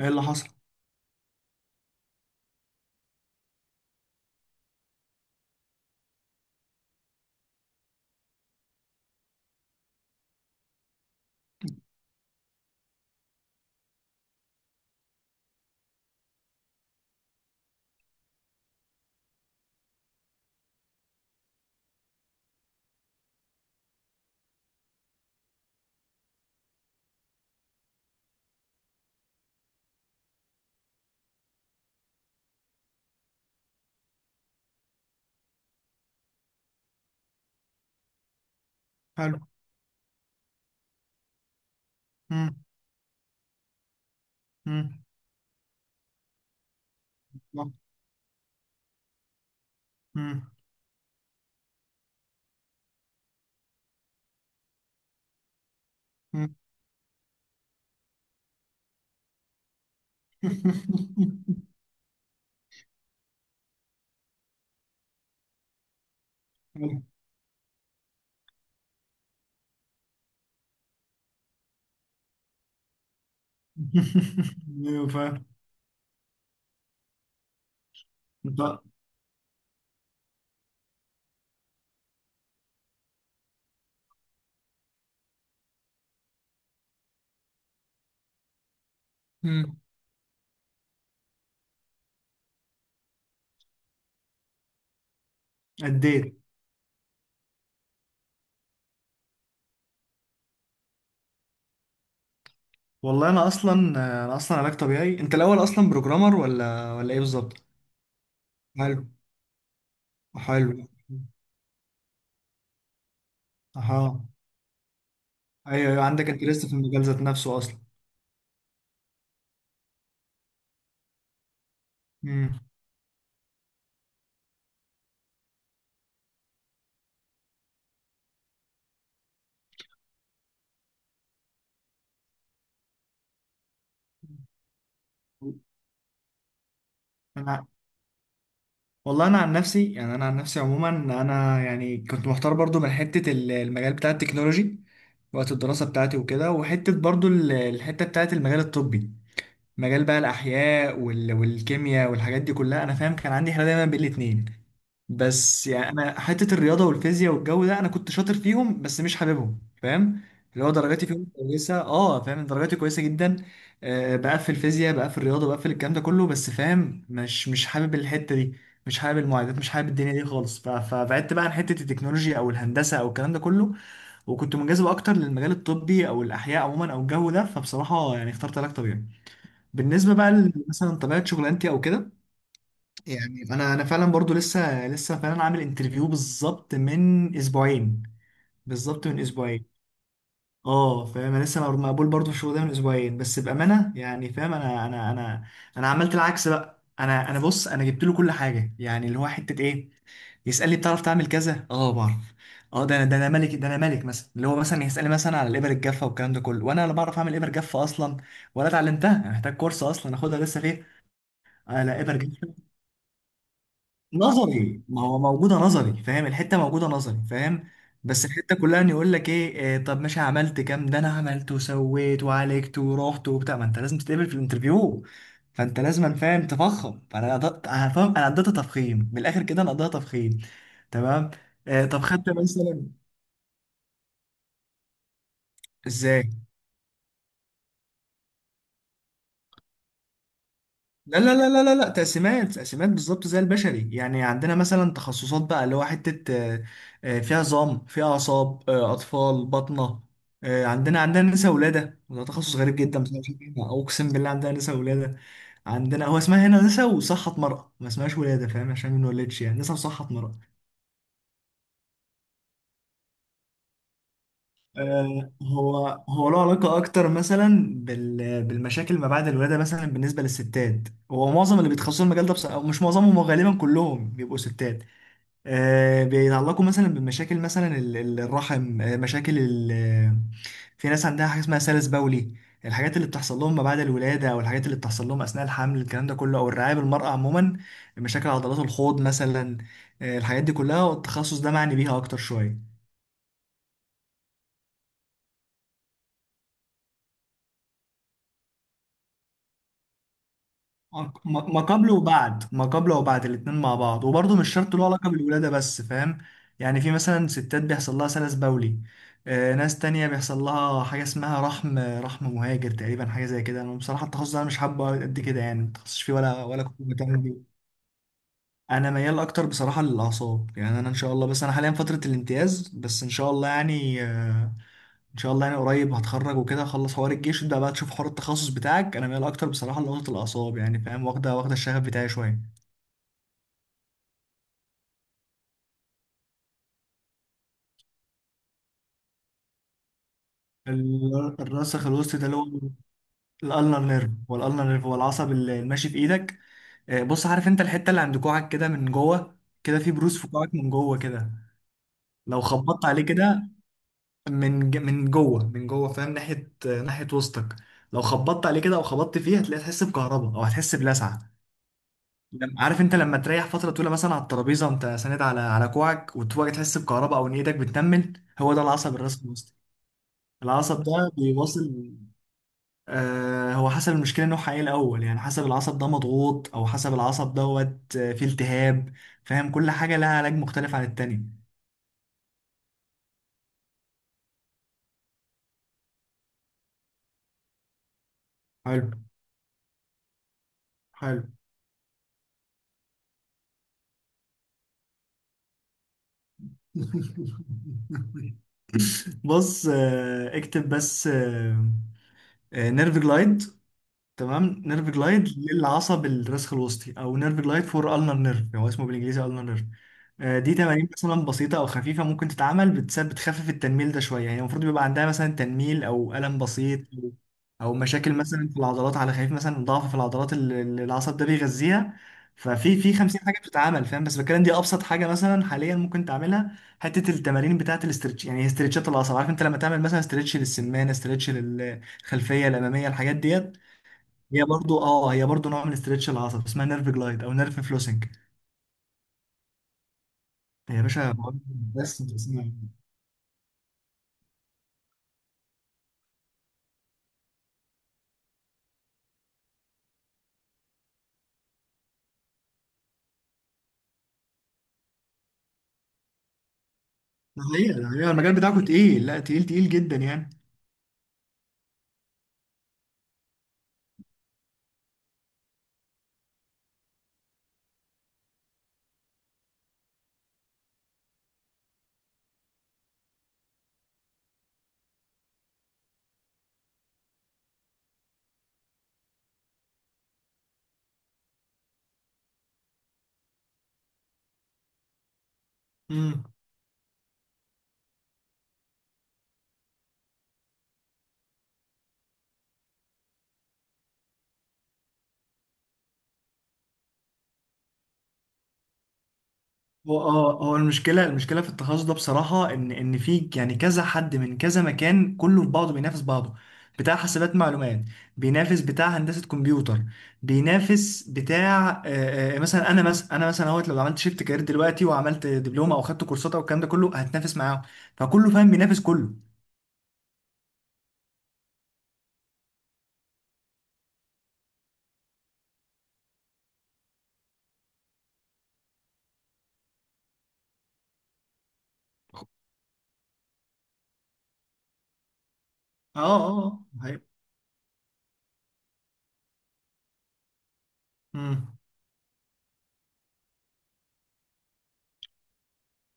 ايه اللي حصل؟ حلو. مم. مم. لا. مم. مم. حلو. ايوه، فاهم. انت مم. اديت. والله انا اصلا علاج طبيعي. انت الاول اصلا بروجرامر ولا ايه بالظبط؟ حلو. حلو. اها. ايوه، ايوه، عندك انترست في المجال ذات نفسه اصلا. مم. والله انا عن نفسي، يعني انا عن نفسي عموما، انا يعني كنت محتار برضو من حته المجال بتاع التكنولوجي وقت الدراسه بتاعتي وكده، وحته برضو الحته بتاعت المجال الطبي، مجال بقى الاحياء والكيمياء والحاجات دي كلها. انا فاهم كان عندي حاله دايما بين الاتنين. بس يعني انا حته الرياضه والفيزياء والجو ده انا كنت شاطر فيهم بس مش حاببهم، فاهم، اللي هو درجاتي فيهم كويسه. اه، فاهم، درجاتي كويسه جدا. آه، بقفل فيزياء بقفل رياضه بقفل الكلام ده كله، بس فاهم مش مش حابب الحته دي، مش حابب المعادلات، مش حابب الدنيا دي خالص. فبعدت بقى عن حته التكنولوجيا او الهندسه او الكلام ده كله، وكنت منجذب اكتر للمجال الطبي او الاحياء عموما او الجو ده. فبصراحه يعني اخترت علاج طبيعي. بالنسبه بقى مثلا طبيعه شغلانتي او كده، يعني انا فعلا برضو لسه فعلا عامل انترفيو بالظبط من اسبوعين، بالظبط من اسبوعين. اه، فاهم انا لسه مقبول برضو في الشغل ده من اسبوعين، بس بامانه يعني فاهم انا عملت العكس بقى. انا بص، انا جبت له كل حاجه، يعني اللي هو حته ايه؟ يسالني بتعرف تعمل كذا؟ اه، بعرف. اه، ده انا، ده انا ملك، ده انا ملك. مثلا اللي هو مثلا يسالني مثلا على الابر الجافه والكلام ده كله، وانا لا بعرف اعمل ابر جافه اصلا ولا اتعلمتها. انا محتاج كورس اصلا اخدها لسه. فيه على ابر جافه نظري، ما هو موجودة نظري، فاهم؟ الحتة موجودة نظري، فاهم؟ بس الحتة كلها ان يقول لك ايه، طب ماشي، عملت كام؟ ده انا عملت وسويت وعالجت ورحت وبتاع. ما انت لازم تتقبل في الانترفيو، فانت لازم فاهم تفخم. فانا قضيت، أنا فاهم، انا قضيتها تفخيم من الاخر كده، انا قضيتها تفخيم. تمام. آه، طب خدت مثلا. ازاي؟ لا لا لا لا لا لا، تقسيمات، تقسيمات بالظبط زي البشري. يعني عندنا مثلا تخصصات بقى، اللي هو حتة فيها عظام، فيها أعصاب، أطفال، باطنة. عندنا، عندنا نساء ولادة، وده تخصص غريب جدا بس أنا مش فاهمها. أقسم بالله عندنا نساء ولادة. عندنا هو اسمها هنا نساء وصحة مرأة، ما اسمهاش ولادة، فاهم؟ عشان ما نولدش، يعني نساء وصحة مرأة. هو هو له علاقة أكتر مثلا بالمشاكل ما بعد الولادة، مثلا بالنسبة للستات، هو معظم اللي بيتخصصوا المجال ده بص، أو مش معظمهم، هو غالبا كلهم بيبقوا ستات. بيتعلقوا مثلا بمشاكل مثلا الرحم، مشاكل ال... آه، في ناس عندها حاجة اسمها سلس بولي، الحاجات اللي بتحصل لهم ما بعد الولادة أو الحاجات اللي بتحصل لهم أثناء الحمل، الكلام ده كله، أو الرعاية بالمرأة عموما، مشاكل عضلات الحوض مثلا. الحاجات دي كلها والتخصص ده معني بيها أكتر شوية. ما قبل وبعد، ما قبل وبعد، الاتنين مع بعض، وبرضه مش شرط له علاقة بالولادة بس، فاهم؟ يعني في مثلا ستات بيحصل لها سلس بولي، ناس تانية بيحصل لها حاجة اسمها رحم مهاجر تقريبا، حاجة زي كده. أنا بصراحة التخصص ده أنا مش حابه قد كده، يعني متخصصش فيه ولا كنت مهتم بيه. أنا ميال أكتر بصراحة للأعصاب، يعني أنا إن شاء الله، بس أنا حاليا فترة الامتياز، بس إن شاء الله يعني، إن شاء الله يعني قريب هتخرج وكده، أخلص حوار الجيش وتبدأ بقى تشوف حوار التخصص بتاعك. أنا ميال أكتر بصراحة لنقطة الأعصاب، يعني فاهم، واخدة، واخدة الشغف بتاعي شوية. الراسخ الوسط ده، اللي هو الالنر نيرف، هو الالنر نيرف، هو العصب اللي ماشي في ايدك. بص، عارف انت الحته اللي عند كوعك كده من جوه، كده في بروز في كوعك من جوه كده، لو خبطت عليه كده، من من جوه، من جوه فاهم، ناحيه ناحيه وسطك. لو خبطت عليه كده او خبطت فيه هتلاقي تحس بكهرباء او هتحس بلسعه. عارف انت لما تريح فتره طويله مثلا على الترابيزه، وانت ساند على كوعك، وتبقى تحس بكهرباء او ان ايدك بتنمل، هو ده العصب الراسخ الوسطي. العصب ده بيوصل. هو حسب المشكله نوعها ايه الاول، يعني حسب العصب ده مضغوط او حسب العصب دوت، فيه التهاب، فاهم، كل حاجه لها علاج مختلف عن التاني. حلو. حلو. بص، اكتب بس نيرف جلايد. تمام، نيرف جلايد للعصب الرسخ الوسطي، او نيرف جلايد فور النر نيرف. هو اسمه بالانجليزي النر نيرف. دي تمارين مثلا بسيطه او خفيفه ممكن تتعمل، بتخفف التنميل ده شويه، يعني المفروض بيبقى عندها مثلا تنميل او الم بسيط، او أو مشاكل مثلا في العضلات على خفيف، مثلا ضعف في العضلات اللي العصب ده بيغذيها. ففي 50 حاجه بتتعمل فاهم، بس بتكلم، دي ابسط حاجه مثلا حاليا ممكن تعملها، حته التمارين بتاعه الاسترتش، يعني استرتشات العصب. عارف انت لما تعمل مثلا استرتش للسمانه، استرتش للخلفيه الاماميه، الحاجات ديت هي برضو، اه، هي برضو نوع من استرتش العصب اسمها نيرف جلايد او نيرف فلوسنج. يا باشا، بس انت اسمها إيه؟ ده حقيقة، ده حقيقة المجال بتاعكم تقيل، لا تقيل، تقيل جدا يعني. امم. هو اه، هو المشكلة، المشكلة في التخصص ده بصراحة ان في يعني كذا حد من كذا مكان كله في بعضه بينافس بعضه. بتاع حاسبات معلومات بينافس بتاع هندسة كمبيوتر، بينافس بتاع. مثلا، انا مثلا انا مثلا اهوت لو عملت شيفت كارير دلوقتي، وعملت دبلومة او خدت كورسات او الكلام ده كله، هتنافس معاهم. فكله فاهم بينافس كله. اه، اه، آه، هي امم،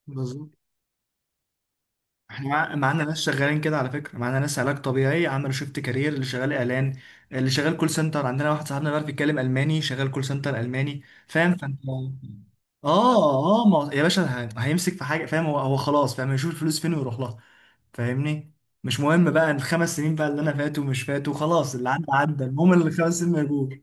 بالظبط. احنا معانا ناس شغالين كده على فكره، معانا ناس علاج طبيعي عملوا شيفت كارير، اللي شغال اعلان، اللي شغال كول سنتر. عندنا واحد صاحبنا بيعرف يتكلم الماني شغال كول سنتر الماني، فاهم؟ فانت اه، اه، آه، ما... يا باشا، هيمسك في حاجه، فاهم. هو خلاص فاهم يشوف الفلوس فين ويروح لها. فاهمني، مش مهم بقى ال5 سنين بقى اللي انا فاتوا مش فاتوا، خلاص، اللي عدى عدى، المهم اللي ال5 سنين موجود.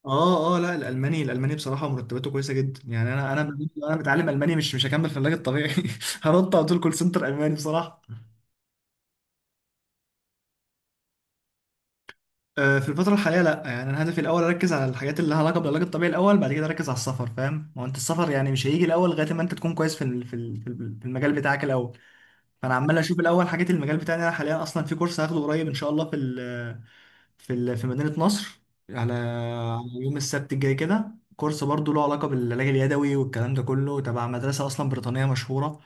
اه، اه، لا، الالماني بصراحه مرتباته كويسه جدا، يعني انا انا متعلم الماني، مش هكمل في العلاج الطبيعي. هنط على طول كول سنتر الماني بصراحه. في الفتره الحاليه لا، يعني انا هدفي الاول اركز على الحاجات اللي لها علاقه بالعلاج الطبيعي الاول، بعد كده اركز على السفر، فاهم؟ ما هو انت السفر يعني مش هيجي الاول لغايه ما انت تكون كويس في ال في ال- في ال- في المجال بتاعك الاول. فانا عمال اشوف الاول حاجات المجال بتاعي. انا حاليا اصلا في كورس هاخده قريب ان شاء الله في مدينة نصر، على على يوم السبت الجاي كده. كورس برضه له علاقة بالعلاج اليدوي والكلام ده كله، تبع مدرسة أصلا بريطانية مشهورة.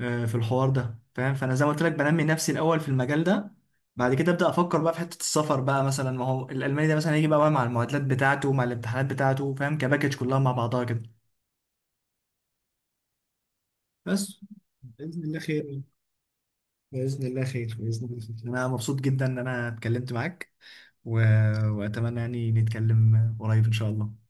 في الحوار ده فاهم. فأنا زي ما قلت لك بنمي نفسي الأول في المجال ده، بعد كده أبدأ أفكر بقى في حتة السفر بقى. مثلا ما هو الألماني ده مثلا هيجي بقى مع المعادلات بتاعته، مع الامتحانات بتاعته، فاهم كباكج كلها مع بعضها كده. بس، بإذن الله خير. بإذن الله خير، بإذن الله خير، أنا مبسوط جدا إن أنا اتكلمت معاك و... وأتمنى يعني نتكلم قريب إن شاء الله.